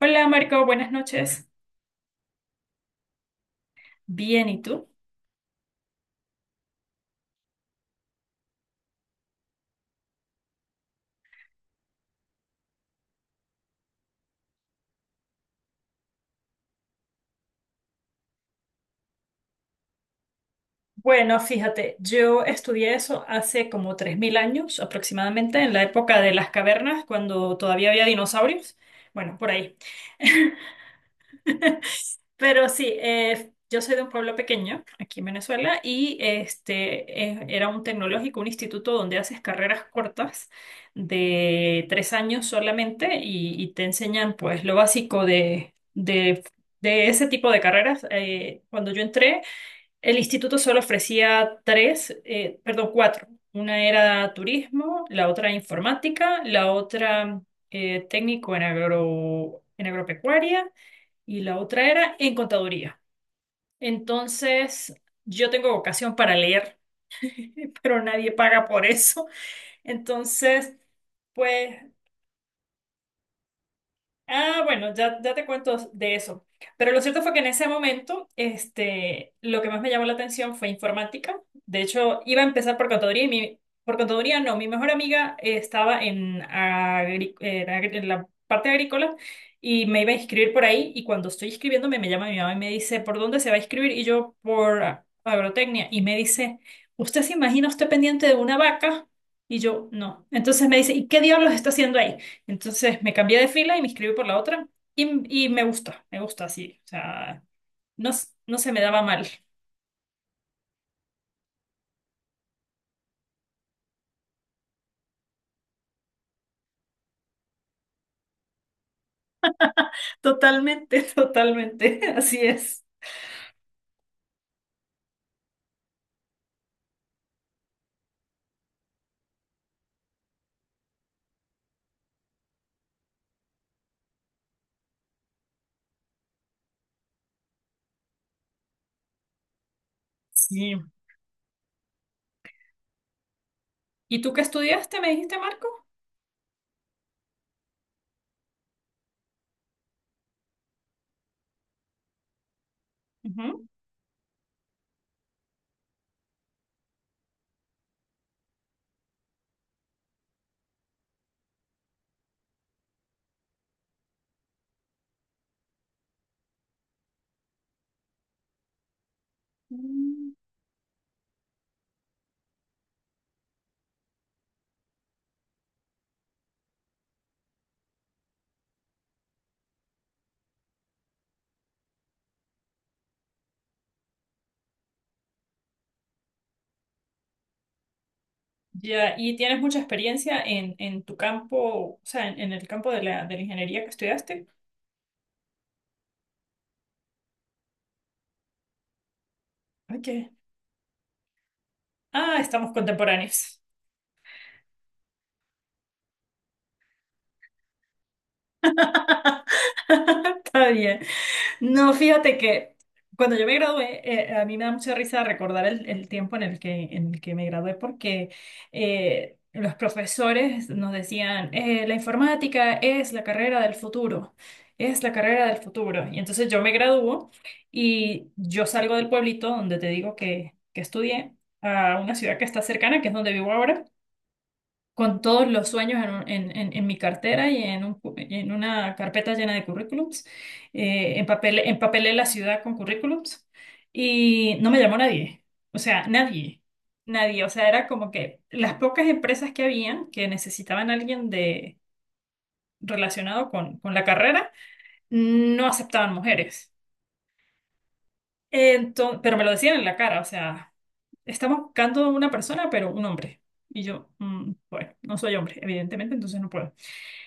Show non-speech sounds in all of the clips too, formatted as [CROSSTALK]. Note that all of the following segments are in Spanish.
Hola Marco, buenas noches. Bien, ¿y tú? Bueno, fíjate, yo estudié eso hace como 3.000 años aproximadamente, en la época de las cavernas, cuando todavía había dinosaurios. Bueno, por ahí. [LAUGHS] Pero sí, yo soy de un pueblo pequeño, aquí en Venezuela, y este, era un tecnológico, un instituto donde haces carreras cortas de tres años solamente y te enseñan pues lo básico de ese tipo de carreras. Cuando yo entré, el instituto solo ofrecía tres, perdón, cuatro. Una era turismo, la otra informática, la otra técnico en agropecuaria y la otra era en contaduría. Entonces, yo tengo vocación para leer, [LAUGHS] pero nadie paga por eso. Entonces, pues Ah, bueno, ya te cuento de eso. Pero lo cierto fue que en ese momento, este, lo que más me llamó la atención fue informática. De hecho, iba a empezar por contaduría y por contaduría no, mi mejor amiga estaba en, la parte agrícola y me iba a inscribir por ahí y cuando estoy inscribiéndome me llama mi mamá y me dice, ¿por dónde se va a inscribir? Y yo, por agrotecnia. Y me dice, ¿usted se imagina usted pendiente de una vaca? Y yo, no. Entonces me dice, ¿y qué diablos está haciendo ahí? Entonces me cambié de fila y me inscribí por la otra y me gusta así, o sea, no, no se me daba mal. Totalmente, [LAUGHS] totalmente, así es. Sí. ¿Y tú qué estudiaste, me dijiste, Marco? Ujú. Mm. Ya, ¿y tienes mucha experiencia en tu campo, o sea, en el campo de la ingeniería que estudiaste? Ok. Ah, estamos contemporáneos. [LAUGHS] Está bien. No, fíjate que cuando yo me gradué, a mí me da mucha risa recordar el tiempo en el que me gradué porque los profesores nos decían, la informática es la carrera del futuro, es la carrera del futuro. Y entonces yo me gradúo y yo salgo del pueblito donde te digo que estudié a una ciudad que está cercana, que es donde vivo ahora con todos los sueños en, mi cartera y en, una carpeta llena de currículums. Empapelé la ciudad con currículums y no me llamó nadie. O sea, nadie. Nadie. O sea, era como que las pocas empresas que habían que necesitaban a alguien de, relacionado con la carrera no aceptaban mujeres. Entonces, pero me lo decían en la cara. O sea, estamos buscando una persona, pero un hombre. Y yo, mm, bueno, no soy hombre, evidentemente, entonces no puedo.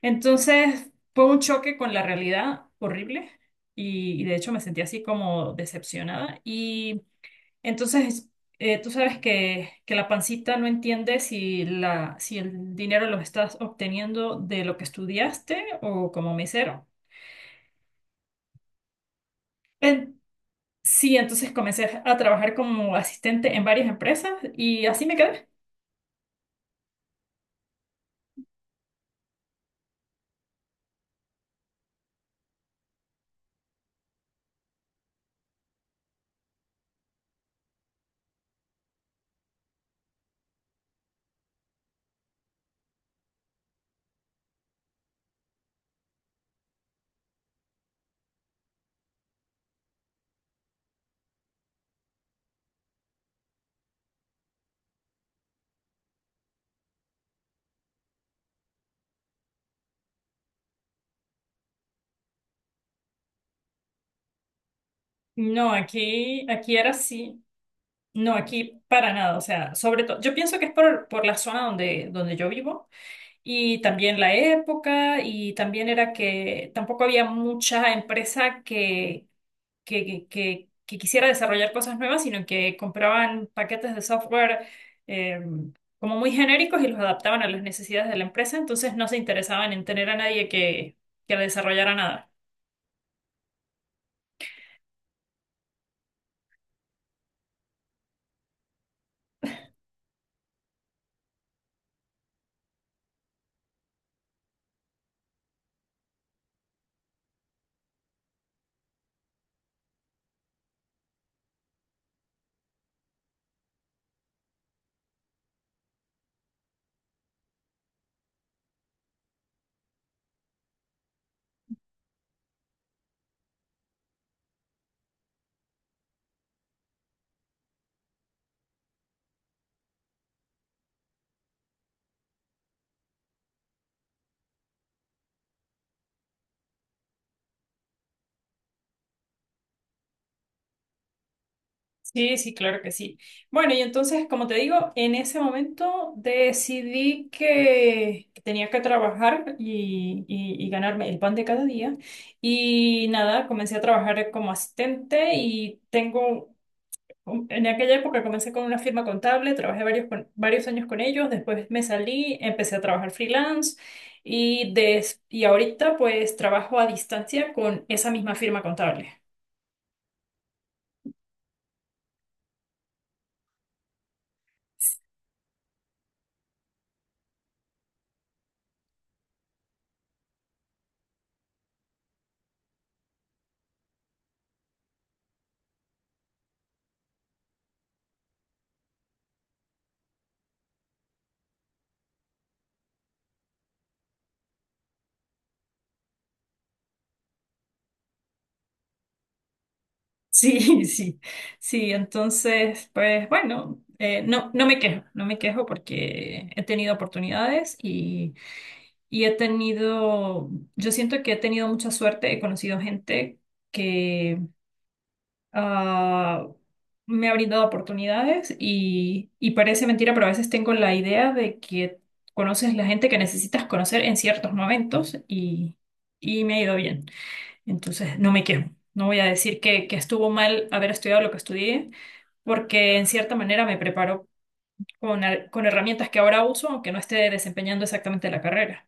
Entonces fue un choque con la realidad horrible y de hecho me sentí así como decepcionada. Y entonces tú sabes que la pancita no entiende si, la, si el dinero lo estás obteniendo de lo que estudiaste o como mesero. En- sí, entonces comencé a trabajar como asistente en varias empresas y así me quedé. No, aquí era así. No, aquí para nada. O sea, sobre todo, yo pienso que es por la zona donde, donde yo vivo. Y también la época, y también era que tampoco había mucha empresa que quisiera desarrollar cosas nuevas, sino que compraban paquetes de software eh, como muy genéricos y los adaptaban a las necesidades de la empresa, entonces no se interesaban en tener a nadie que, que desarrollara nada. Sí, sí, claro que sí. Bueno, y entonces, como te digo, en ese momento decidí que tenía que trabajar y ganarme el pan de cada día. Y nada, comencé a trabajar como asistente y tengo, en aquella época comencé con una firma contable, trabajé varios, varios años con ellos, después me salí, empecé a trabajar freelance y ahorita pues trabajo a distancia con esa misma firma contable. Sí, [LAUGHS] sí, sí, entonces, pues bueno, no, no me quejo, no me quejo porque he tenido oportunidades y he tenido, yo siento que he tenido mucha suerte, he conocido gente que ah, me ha brindado oportunidades y parece mentira, pero a veces tengo la idea de que conoces la gente que necesitas conocer en ciertos momentos y me ha ido bien. Entonces, no me quejo. No voy a decir que estuvo mal haber estudiado lo que estudié, porque en cierta manera me preparó con, con herramientas que ahora uso, aunque no esté desempeñando exactamente la carrera.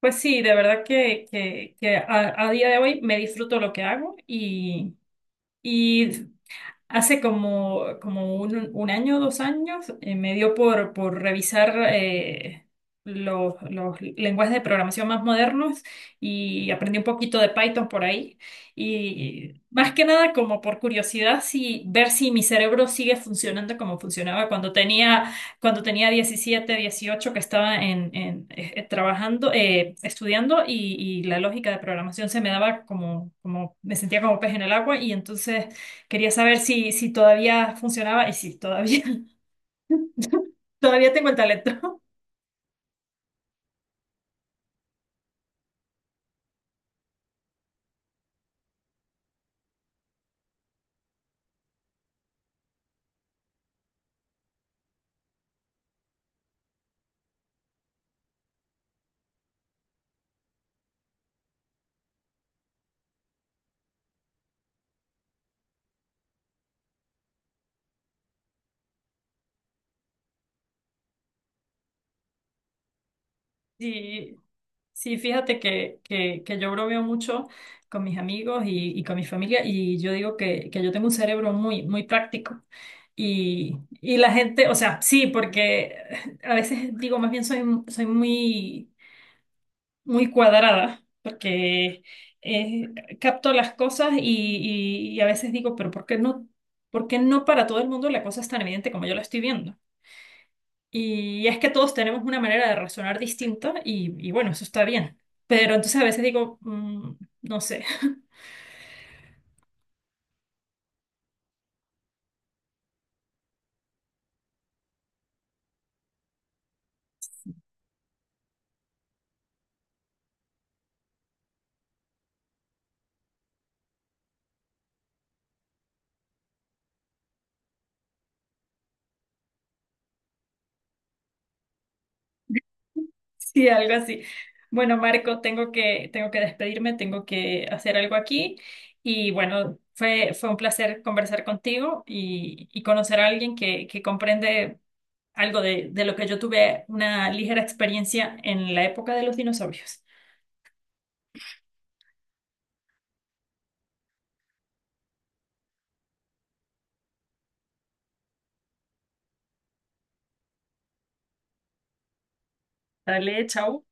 Pues sí, de verdad que a día de hoy me disfruto lo que hago y hace como, como un año, dos años, me dio por revisar los lenguajes de programación más modernos y aprendí un poquito de Python por ahí. Y más que nada como por curiosidad, si, ver si mi cerebro sigue funcionando como funcionaba cuando tenía 17, 18 que estaba en, trabajando, estudiando y la lógica de programación se me daba como, como, me sentía como pez en el agua y entonces... Quería saber si, si todavía funcionaba y si todavía, [LAUGHS] todavía tengo el talento. Sí, sí, fíjate que yo bromeo mucho con mis amigos y con mi familia y yo digo que yo tengo un cerebro muy, muy práctico. Y la gente, o sea, sí, porque a veces digo, más bien soy, soy muy muy cuadrada, porque eh, capto las cosas y a veces digo, pero por qué no para todo el mundo la cosa es tan evidente como yo la estoy viendo? Y es que todos tenemos una manera de razonar distinta y bueno, eso está bien. Pero entonces a veces digo, mm, no sé. Sí, algo así. Bueno, Marco, tengo que despedirme, tengo que hacer algo aquí. Y bueno, fue, fue un placer conversar contigo y conocer a alguien que comprende algo de lo que yo tuve una ligera experiencia en la época de los dinosaurios. Dale, chao.